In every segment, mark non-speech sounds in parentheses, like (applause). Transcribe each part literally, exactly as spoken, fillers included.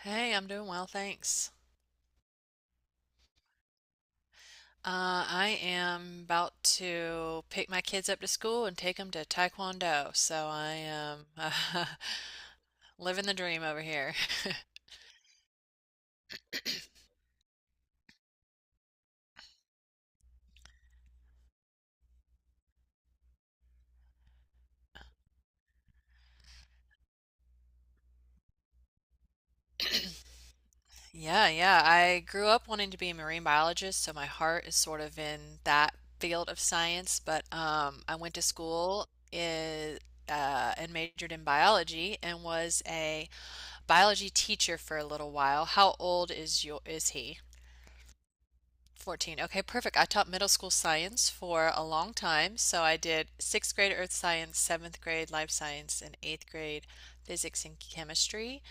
Hey, I'm doing well, thanks. Uh, I am about to pick my kids up to school and take them to Taekwondo, so I am (laughs) living the dream over here. (laughs) Yeah, yeah, I grew up wanting to be a marine biologist, so my heart is sort of in that field of science, but um, I went to school in, uh, and majored in biology and was a biology teacher for a little while. How old is your is he? fourteen. Okay, perfect. I taught middle school science for a long time. So I did sixth grade earth science, seventh grade life science, and eighth grade physics and chemistry.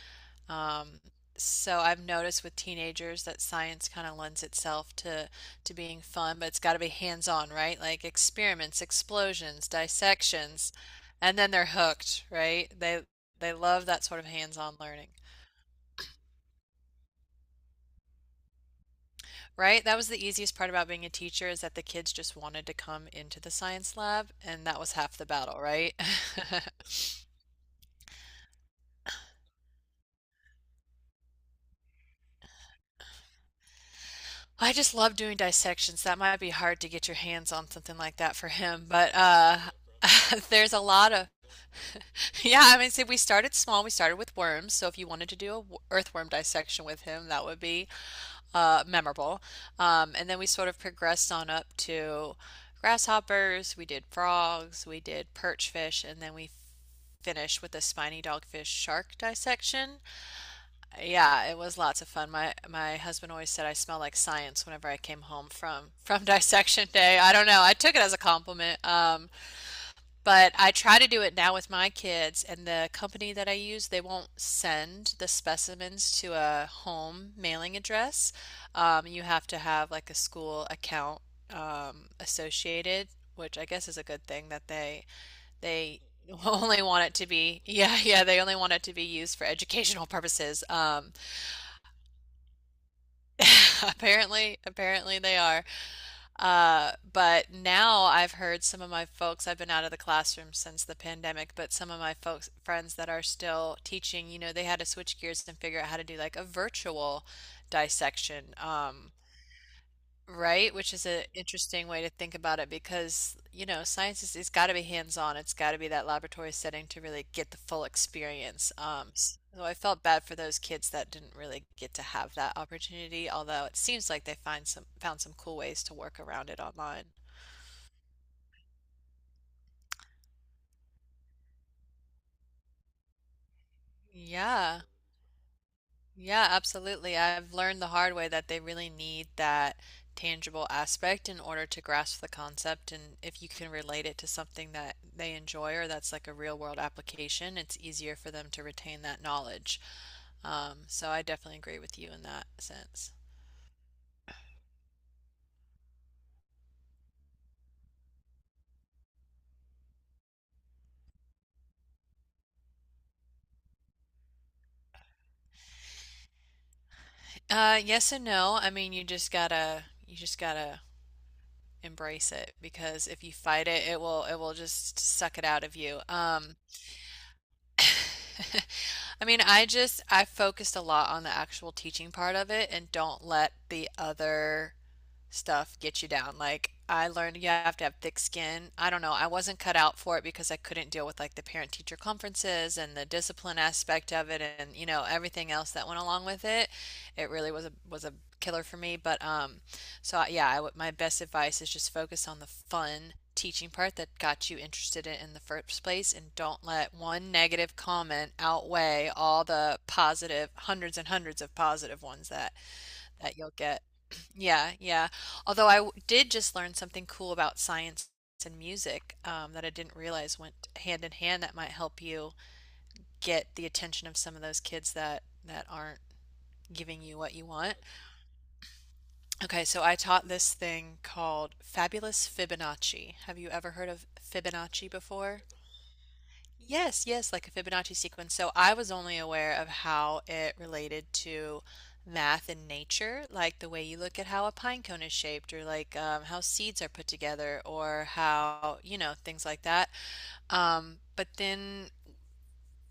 Um, so I've noticed with teenagers that science kind of lends itself to to being fun, but it's got to be hands-on, right? Like experiments, explosions, dissections, and then they're hooked, right? They they love that sort of hands-on learning. Right? That was the easiest part about being a teacher is that the kids just wanted to come into the science lab, and that was half the battle, right? (laughs) I just love doing dissections. That might be hard to get your hands on something like that for him, but uh (laughs) there's a lot of (laughs) yeah, I mean, see, we started small. We started with worms, so if you wanted to do a w- earthworm dissection with him, that would be uh memorable. Um, and then we sort of progressed on up to grasshoppers, we did frogs, we did perch fish, and then we finish with the spiny dogfish shark dissection. Yeah, it was lots of fun. My my husband always said I smell like science whenever I came home from (laughs) from dissection day. I don't know. I took it as a compliment. Um, but I try to do it now with my kids and the company that I use, they won't send the specimens to a home mailing address. Um, you have to have like a school account um, associated, which I guess is a good thing that they they (laughs) only want it to be, yeah, yeah, they only want it to be used for educational purposes. Um, (laughs) apparently, apparently they are. Uh, but now I've heard some of my folks, I've been out of the classroom since the pandemic, but some of my folks, friends that are still teaching, you know, they had to switch gears and figure out how to do like a virtual dissection. Um, Right, which is an interesting way to think about it because, you know, science is it's got to be hands-on. It's got to be that laboratory setting to really get the full experience. Um, s- so I felt bad for those kids that didn't really get to have that opportunity, although it seems like they find some found some cool ways to work around it online. Yeah. Yeah, absolutely. I've learned the hard way that they really need that tangible aspect in order to grasp the concept. And if you can relate it to something that they enjoy or that's like a real world application, it's easier for them to retain that knowledge. Um, so I definitely agree with you in that sense. Uh, yes and no. I mean, you just gotta, you just gotta embrace it because if you fight it, it will, it will just suck it out of you. Um, (laughs) I mean, I just I focused a lot on the actual teaching part of it and don't let the other stuff get you down. Like I learned you have to have thick skin. I don't know. I wasn't cut out for it because I couldn't deal with like the parent teacher conferences and the discipline aspect of it and you know everything else that went along with it. It really was a was a killer for me, but um so yeah, I w my best advice is just focus on the fun teaching part that got you interested in in the first place and don't let one negative comment outweigh all the positive hundreds and hundreds of positive ones that that you'll get. (clears throat) Yeah, yeah. Although I w- did just learn something cool about science and music um, that I didn't realize went hand in hand that might help you get the attention of some of those kids that that aren't giving you what you want. Okay, so I taught this thing called Fabulous Fibonacci. Have you ever heard of Fibonacci before? Yes, yes, like a Fibonacci sequence. So I was only aware of how it related to math and nature, like the way you look at how a pine cone is shaped, or like um, how seeds are put together, or how, you know, things like that. Um, but then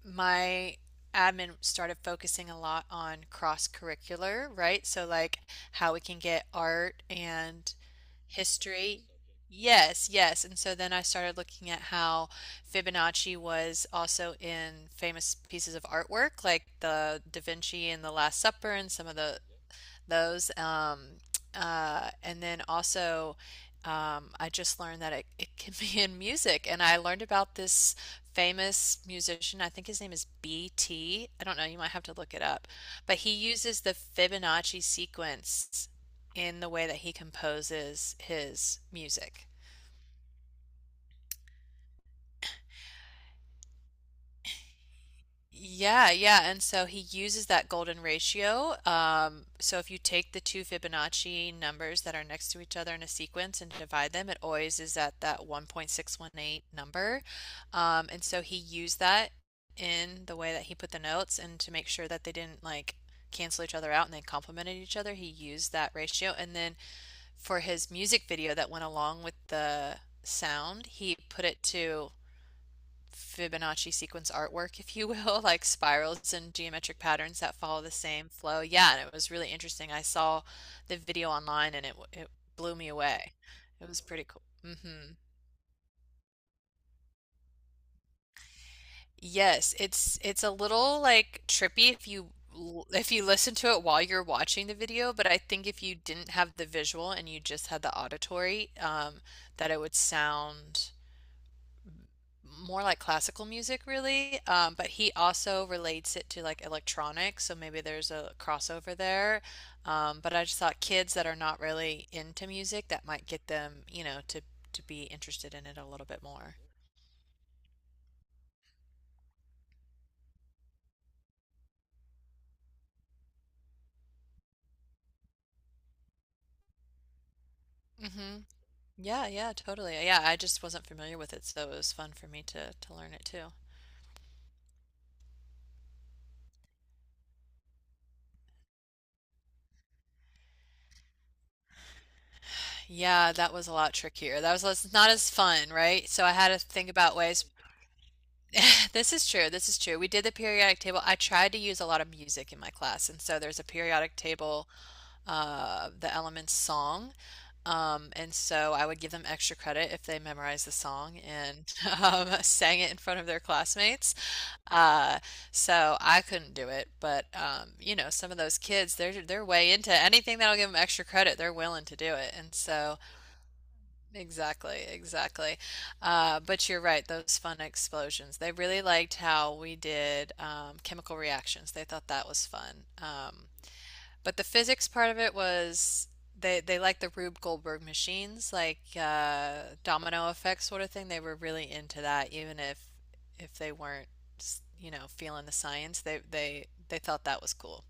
my admin started focusing a lot on cross curricular, right? So like how we can get art and history. Yes, yes. And so then I started looking at how Fibonacci was also in famous pieces of artwork like the Da Vinci and the Last Supper and some of the those. Um, uh, and then also, um, I just learned that it, it can be in music. And I learned about this famous musician. I think his name is B T. I don't know. You might have to look it up. But he uses the Fibonacci sequence in the way that he composes his music. Yeah, yeah. And so he uses that golden ratio. Um, so if you take the two Fibonacci numbers that are next to each other in a sequence and divide them, it always is at that one point six one eight number. Um, and so he used that in the way that he put the notes and to make sure that they didn't like cancel each other out and they complemented each other, he used that ratio. And then for his music video that went along with the sound, he put it to Fibonacci sequence artwork, if you will, (laughs) like spirals and geometric patterns that follow the same flow. Yeah, and it was really interesting. I saw the video online and it it blew me away. It was pretty cool. Hmm. Yes, it's it's a little like trippy if you l- if you listen to it while you're watching the video, but I think if you didn't have the visual and you just had the auditory, um, that it would sound more like classical music really um, but he also relates it to like electronics so maybe there's a crossover there um, but I just thought kids that are not really into music that might get them you know to to be interested in it a little bit more hmm yeah yeah totally yeah I just wasn't familiar with it so it was fun for me to to learn it too yeah that was a lot trickier that was less- not as fun right so I had to think about ways (laughs) This is true. This is true. We did the periodic table. I tried to use a lot of music in my class, and so there's a periodic table uh, the elements song. Um, and so I would give them extra credit if they memorized the song and (laughs) um, sang it in front of their classmates. Uh, so I couldn't do it, but um, you know, some of those kids, they're they're way into anything that'll give them extra credit. They're willing to do it, and so. Exactly, exactly. Uh, but you're right, those fun explosions. They really liked how we did um, chemical reactions. They thought that was fun. Um, but the physics part of it was they they liked the Rube Goldberg machines, like uh, domino effect sort of thing. They were really into that, even if if they weren't, s- you know, feeling the science. They they they thought that was cool.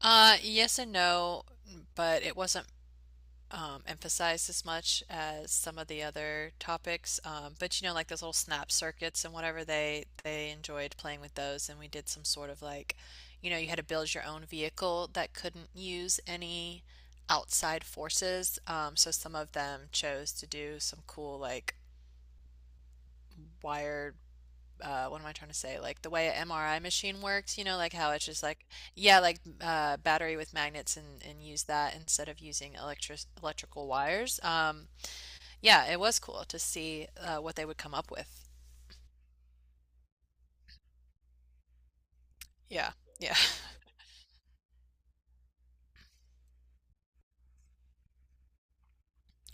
Uh, yes and no, but it wasn't um, emphasized as much as some of the other topics. Um, but you know, like those little snap circuits and whatever, they they enjoyed playing with those, and we did some sort of like, you know, you had to build your own vehicle that couldn't use any outside forces. Um, so some of them chose to do some cool like wired. Uh, what am I trying to say? Like the way an M R I machine works, you know, like how it's just like, yeah, like uh, battery with magnets and, and use that instead of using electric electrical wires. Um, yeah, it was cool to see uh, what they would come up with. Yeah, yeah. (laughs)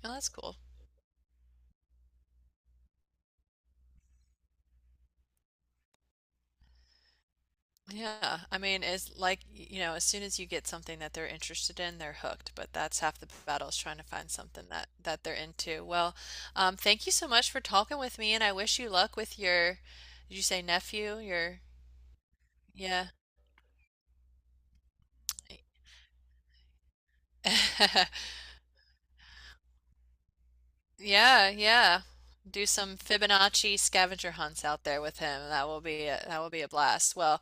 Oh, that's cool. Yeah, I mean, it's like, you know, as soon as you get something that they're interested in, they're hooked. But that's half the battle is trying to find something that that they're into. Well, um, thank you so much for talking with me, and I wish you luck with your, did you say nephew? Your, yeah. (laughs) Yeah, yeah. Do some Fibonacci scavenger hunts out there with him. That will be a, that will be a blast. Well,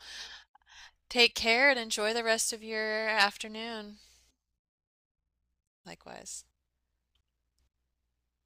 take care and enjoy the rest of your afternoon. Likewise.